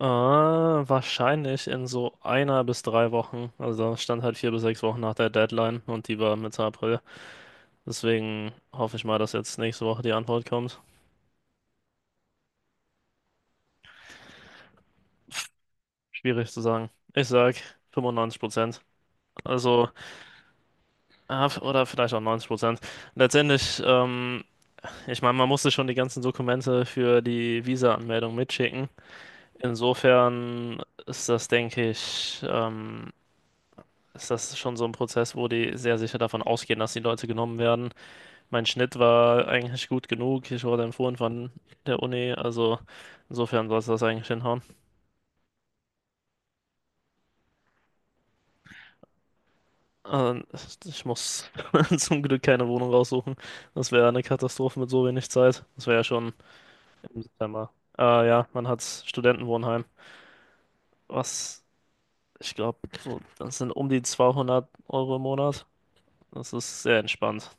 Wahrscheinlich in so einer bis drei Wochen. Also da stand halt 4 bis 6 Wochen nach der Deadline und die war Mitte April. Deswegen hoffe ich mal, dass jetzt nächste Woche die Antwort kommt. Schwierig zu sagen. Ich sag 95%. Also, oder vielleicht auch 90%. Letztendlich, ich meine, man musste schon die ganzen Dokumente für die Visa-Anmeldung mitschicken. Insofern ist das, denke ich, ist das schon so ein Prozess, wo die sehr sicher davon ausgehen, dass die Leute genommen werden. Mein Schnitt war eigentlich gut genug. Ich wurde empfohlen von der Uni. Also insofern sollte das eigentlich hinhauen. Äh, Ich muss zum Glück keine Wohnung raussuchen. Das wäre eine Katastrophe mit so wenig Zeit. Das wäre ja schon im September. Ja, man hat Studentenwohnheim. Was, ich glaube, so, das sind um die 200 Euro im Monat. Das ist sehr entspannt.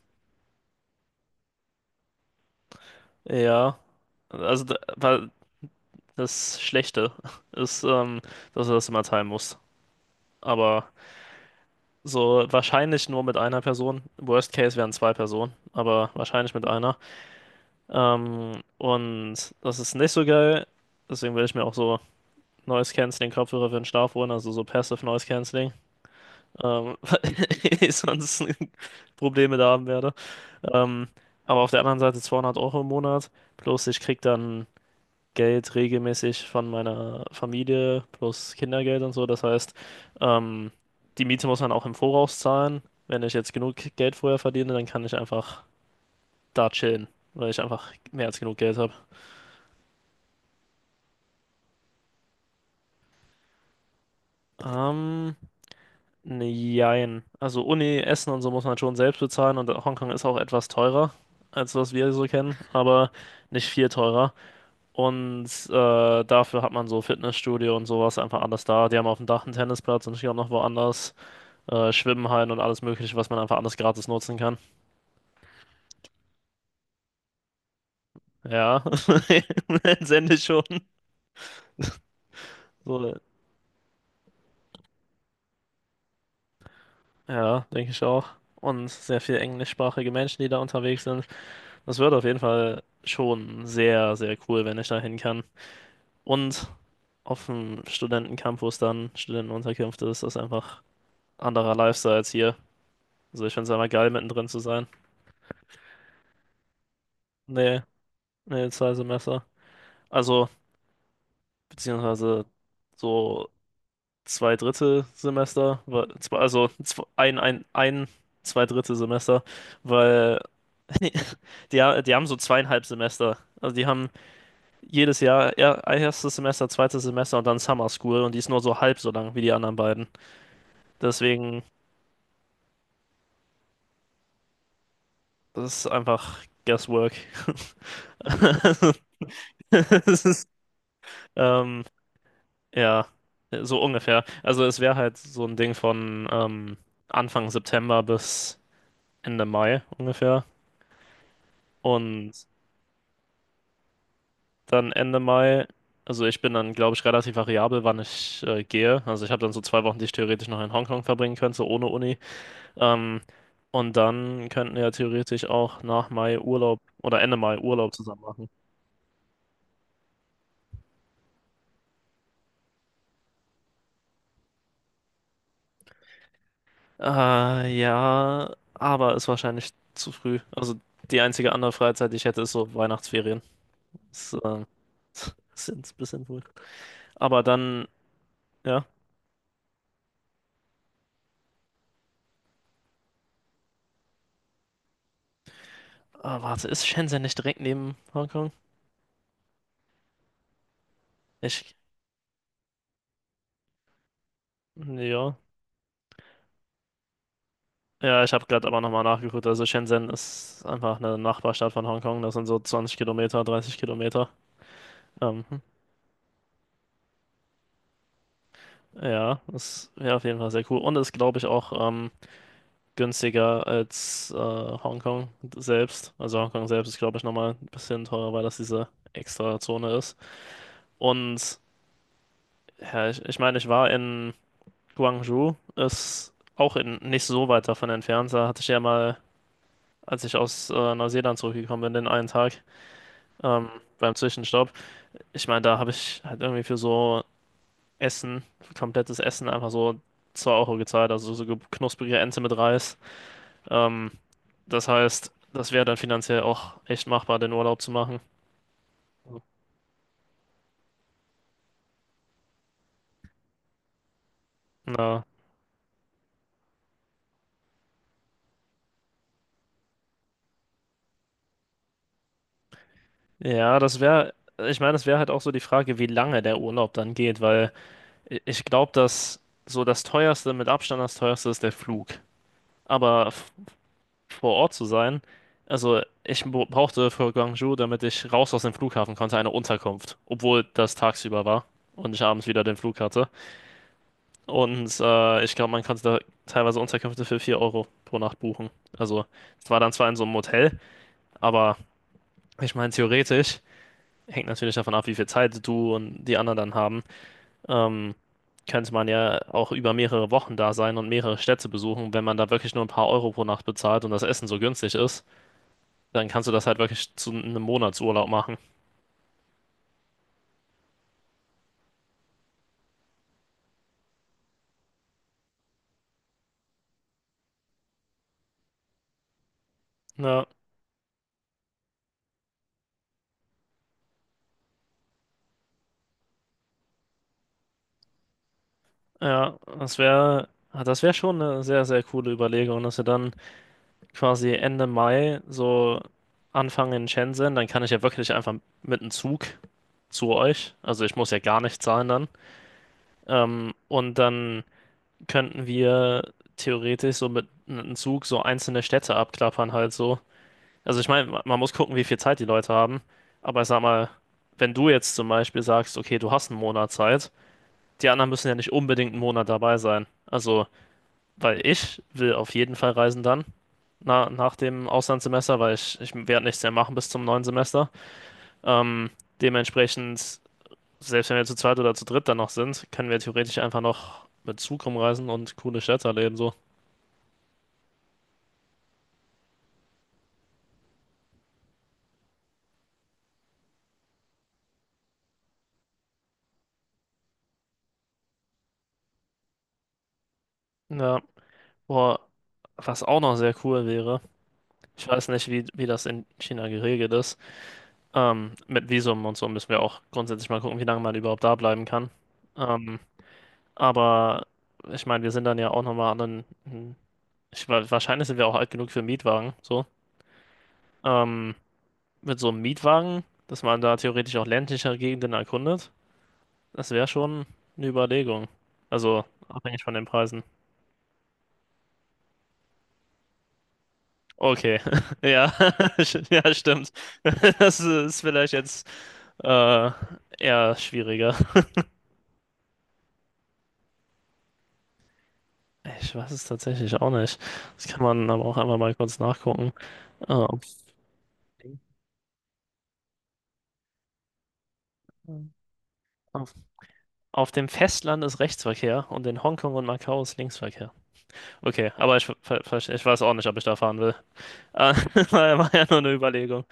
Ja, also da, weil das Schlechte ist, dass du das immer teilen musst. Aber so, wahrscheinlich nur mit einer Person. Worst Case wären zwei Personen, aber wahrscheinlich mit einer. Und das ist nicht so geil. Deswegen will ich mir auch so Noise Cancelling Kopfhörer für den Schlaf holen, also so Passive Noise Cancelling, weil ich sonst Probleme da haben werde. Ähm, aber auf der anderen Seite 200 Euro im Monat. Plus ich krieg dann Geld regelmäßig von meiner Familie plus Kindergeld und so. Das heißt, ähm, die Miete muss man auch im Voraus zahlen. Wenn ich jetzt genug Geld vorher verdiene, dann kann ich einfach da chillen, weil ich einfach mehr als genug Geld habe. Ähm, ne, also Uni, Essen und so muss man schon selbst bezahlen, und Hongkong ist auch etwas teurer als was wir so kennen, aber nicht viel teurer. Und dafür hat man so Fitnessstudio und sowas einfach anders da. Die haben auf dem Dach einen Tennisplatz und ich glaube noch woanders. Schwimmhallen und alles Mögliche, was man einfach anders gratis nutzen kann. Ja, letztendlich schon. So, ja, denke ich auch. Und sehr viele englischsprachige Menschen, die da unterwegs sind. Das wird auf jeden Fall schon sehr, sehr cool, wenn ich da hin kann. Und auf dem Studentencampus dann, Studentenunterkünfte, ist das einfach anderer Lifestyle als hier. Also ich finde es einfach geil, mittendrin zu sein. Nee, nee, zwei Semester. Also, beziehungsweise so zwei Drittel Semester, zwei Drittel Semester, weil die haben so zweieinhalb Semester. Also die haben jedes Jahr erstes Semester, zweites Semester und dann Summer School, und die ist nur so halb so lang wie die anderen beiden. Deswegen, das ist einfach Guesswork. Das ist, ähm, ja, so ungefähr. Also es wäre halt so ein Ding von Anfang September bis Ende Mai ungefähr. Und dann Ende Mai. Also ich bin dann, glaube ich, relativ variabel, wann ich gehe. Also ich habe dann so 2 Wochen, die ich theoretisch noch in Hongkong verbringen könnte, so ohne Uni. Ähm, und dann könnten wir ja theoretisch auch nach Mai Urlaub oder Ende Mai Urlaub zusammen machen. Ja, aber ist wahrscheinlich zu früh. Also die einzige andere Freizeit, die ich hätte, ist so Weihnachtsferien. Ist, sind ein bisschen wohl. Aber dann, ja. Ah, warte, ist Shenzhen nicht direkt neben Hongkong? Ich, ja. Ja, ich habe gerade aber nochmal nachgeguckt. Also Shenzhen ist einfach eine Nachbarstadt von Hongkong. Das sind so 20 Kilometer, 30 Kilometer. Ähm, ja, das wäre auf jeden Fall sehr cool. Und ist, glaube ich, auch günstiger als Hongkong selbst. Also Hongkong selbst ist, glaube ich, nochmal ein bisschen teurer, weil das diese extra Zone ist. Und ja, ich meine, ich war in Guangzhou. Ist auch in, nicht so weit davon entfernt. Da hatte ich ja mal, als ich aus Neuseeland zurückgekommen bin, den einen Tag ähm, beim Zwischenstopp. Ich meine, da habe ich halt irgendwie für so Essen, für komplettes Essen einfach so 2 € gezahlt, also so knusprige Ente mit Reis. Ähm, Das heißt, das wäre dann finanziell auch echt machbar, den Urlaub zu machen. Na, ja, das wäre, ich meine, das wäre halt auch so die Frage, wie lange der Urlaub dann geht, weil ich glaube, dass so das teuerste, mit Abstand das teuerste ist der Flug. Aber vor Ort zu sein. Also ich brauchte für Guangzhou, damit ich raus aus dem Flughafen konnte, eine Unterkunft, obwohl das tagsüber war und ich abends wieder den Flug hatte. Und ich glaube, man konnte da teilweise Unterkünfte für 4 € pro Nacht buchen. Also es war dann zwar in so einem Hotel, aber ich meine, theoretisch hängt natürlich davon ab, wie viel Zeit du und die anderen dann haben. Ähm, Könnte man ja auch über mehrere Wochen da sein und mehrere Städte besuchen, wenn man da wirklich nur ein paar Euro pro Nacht bezahlt und das Essen so günstig ist. Dann kannst du das halt wirklich zu einem Monatsurlaub machen. Ja, ja, das wäre schon eine sehr, sehr coole Überlegung, dass wir dann quasi Ende Mai so anfangen in Shenzhen, dann kann ich ja wirklich einfach mit dem Zug zu euch, also ich muss ja gar nicht zahlen dann, und dann könnten wir theoretisch so mit einem Zug so einzelne Städte abklappern halt so. Also ich meine, man muss gucken, wie viel Zeit die Leute haben, aber ich sag mal, wenn du jetzt zum Beispiel sagst, okay, du hast einen Monat Zeit, die anderen müssen ja nicht unbedingt einen Monat dabei sein. Also, weil ich will auf jeden Fall reisen dann, na, nach dem Auslandssemester, weil ich werde nichts mehr machen bis zum neuen Semester. Ähm, Dementsprechend, selbst wenn wir zu zweit oder zu dritt dann noch sind, können wir theoretisch einfach noch mit Zug rumreisen und coole Städte erleben, so. Ja, boah, was auch noch sehr cool wäre, ich weiß nicht, wie das in China geregelt ist. Mit Visum und so müssen wir auch grundsätzlich mal gucken, wie lange man überhaupt da bleiben kann. Ähm, Aber ich meine, wir sind dann ja auch nochmal anderen. Wahrscheinlich sind wir auch alt genug für Mietwagen. So. Ähm, mit so einem Mietwagen, dass man da theoretisch auch ländliche Gegenden erkundet, das wäre schon eine Überlegung. Also abhängig von den Preisen. Okay, ja, ja, stimmt. Das ist vielleicht jetzt äh, eher schwieriger. Ich weiß es tatsächlich auch nicht. Das kann man aber auch einfach mal kurz nachgucken. Äh, auf, Auf dem Festland ist Rechtsverkehr und in Hongkong und Macau ist Linksverkehr. Okay, aber ich, ver ver ich weiß auch nicht, ob ich da fahren will. Äh, War ja nur eine Überlegung.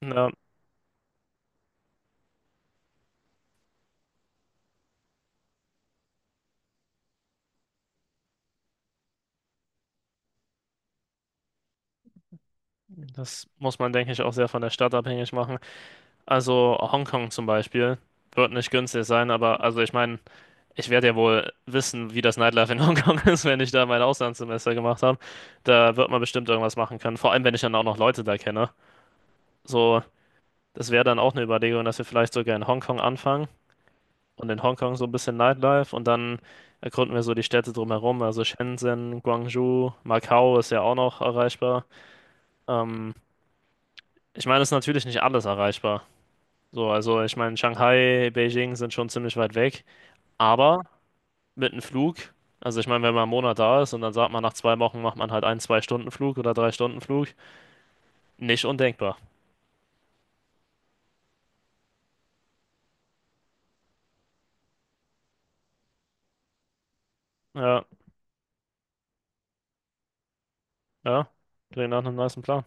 Ja, das muss man, denke ich, auch sehr von der Stadt abhängig machen. Also Hongkong zum Beispiel wird nicht günstig sein, aber also ich meine, ich werde ja wohl wissen, wie das Nightlife in Hongkong ist, wenn ich da mein Auslandssemester gemacht habe. Da wird man bestimmt irgendwas machen können, vor allem wenn ich dann auch noch Leute da kenne. So, das wäre dann auch eine Überlegung, dass wir vielleicht sogar in Hongkong anfangen und in Hongkong so ein bisschen Nightlife und dann erkunden wir so die Städte drumherum, also Shenzhen, Guangzhou, Macau ist ja auch noch erreichbar. Ähm, Ich meine, es ist natürlich nicht alles erreichbar. So, also ich meine, Shanghai, Beijing sind schon ziemlich weit weg, aber mit einem Flug, also ich meine, wenn man einen Monat da ist und dann sagt man, nach 2 Wochen macht man halt einen Zwei-Stunden-Flug oder Drei-Stunden-Flug, nicht undenkbar. Ja, ja, klingt nach einem nicen Plan.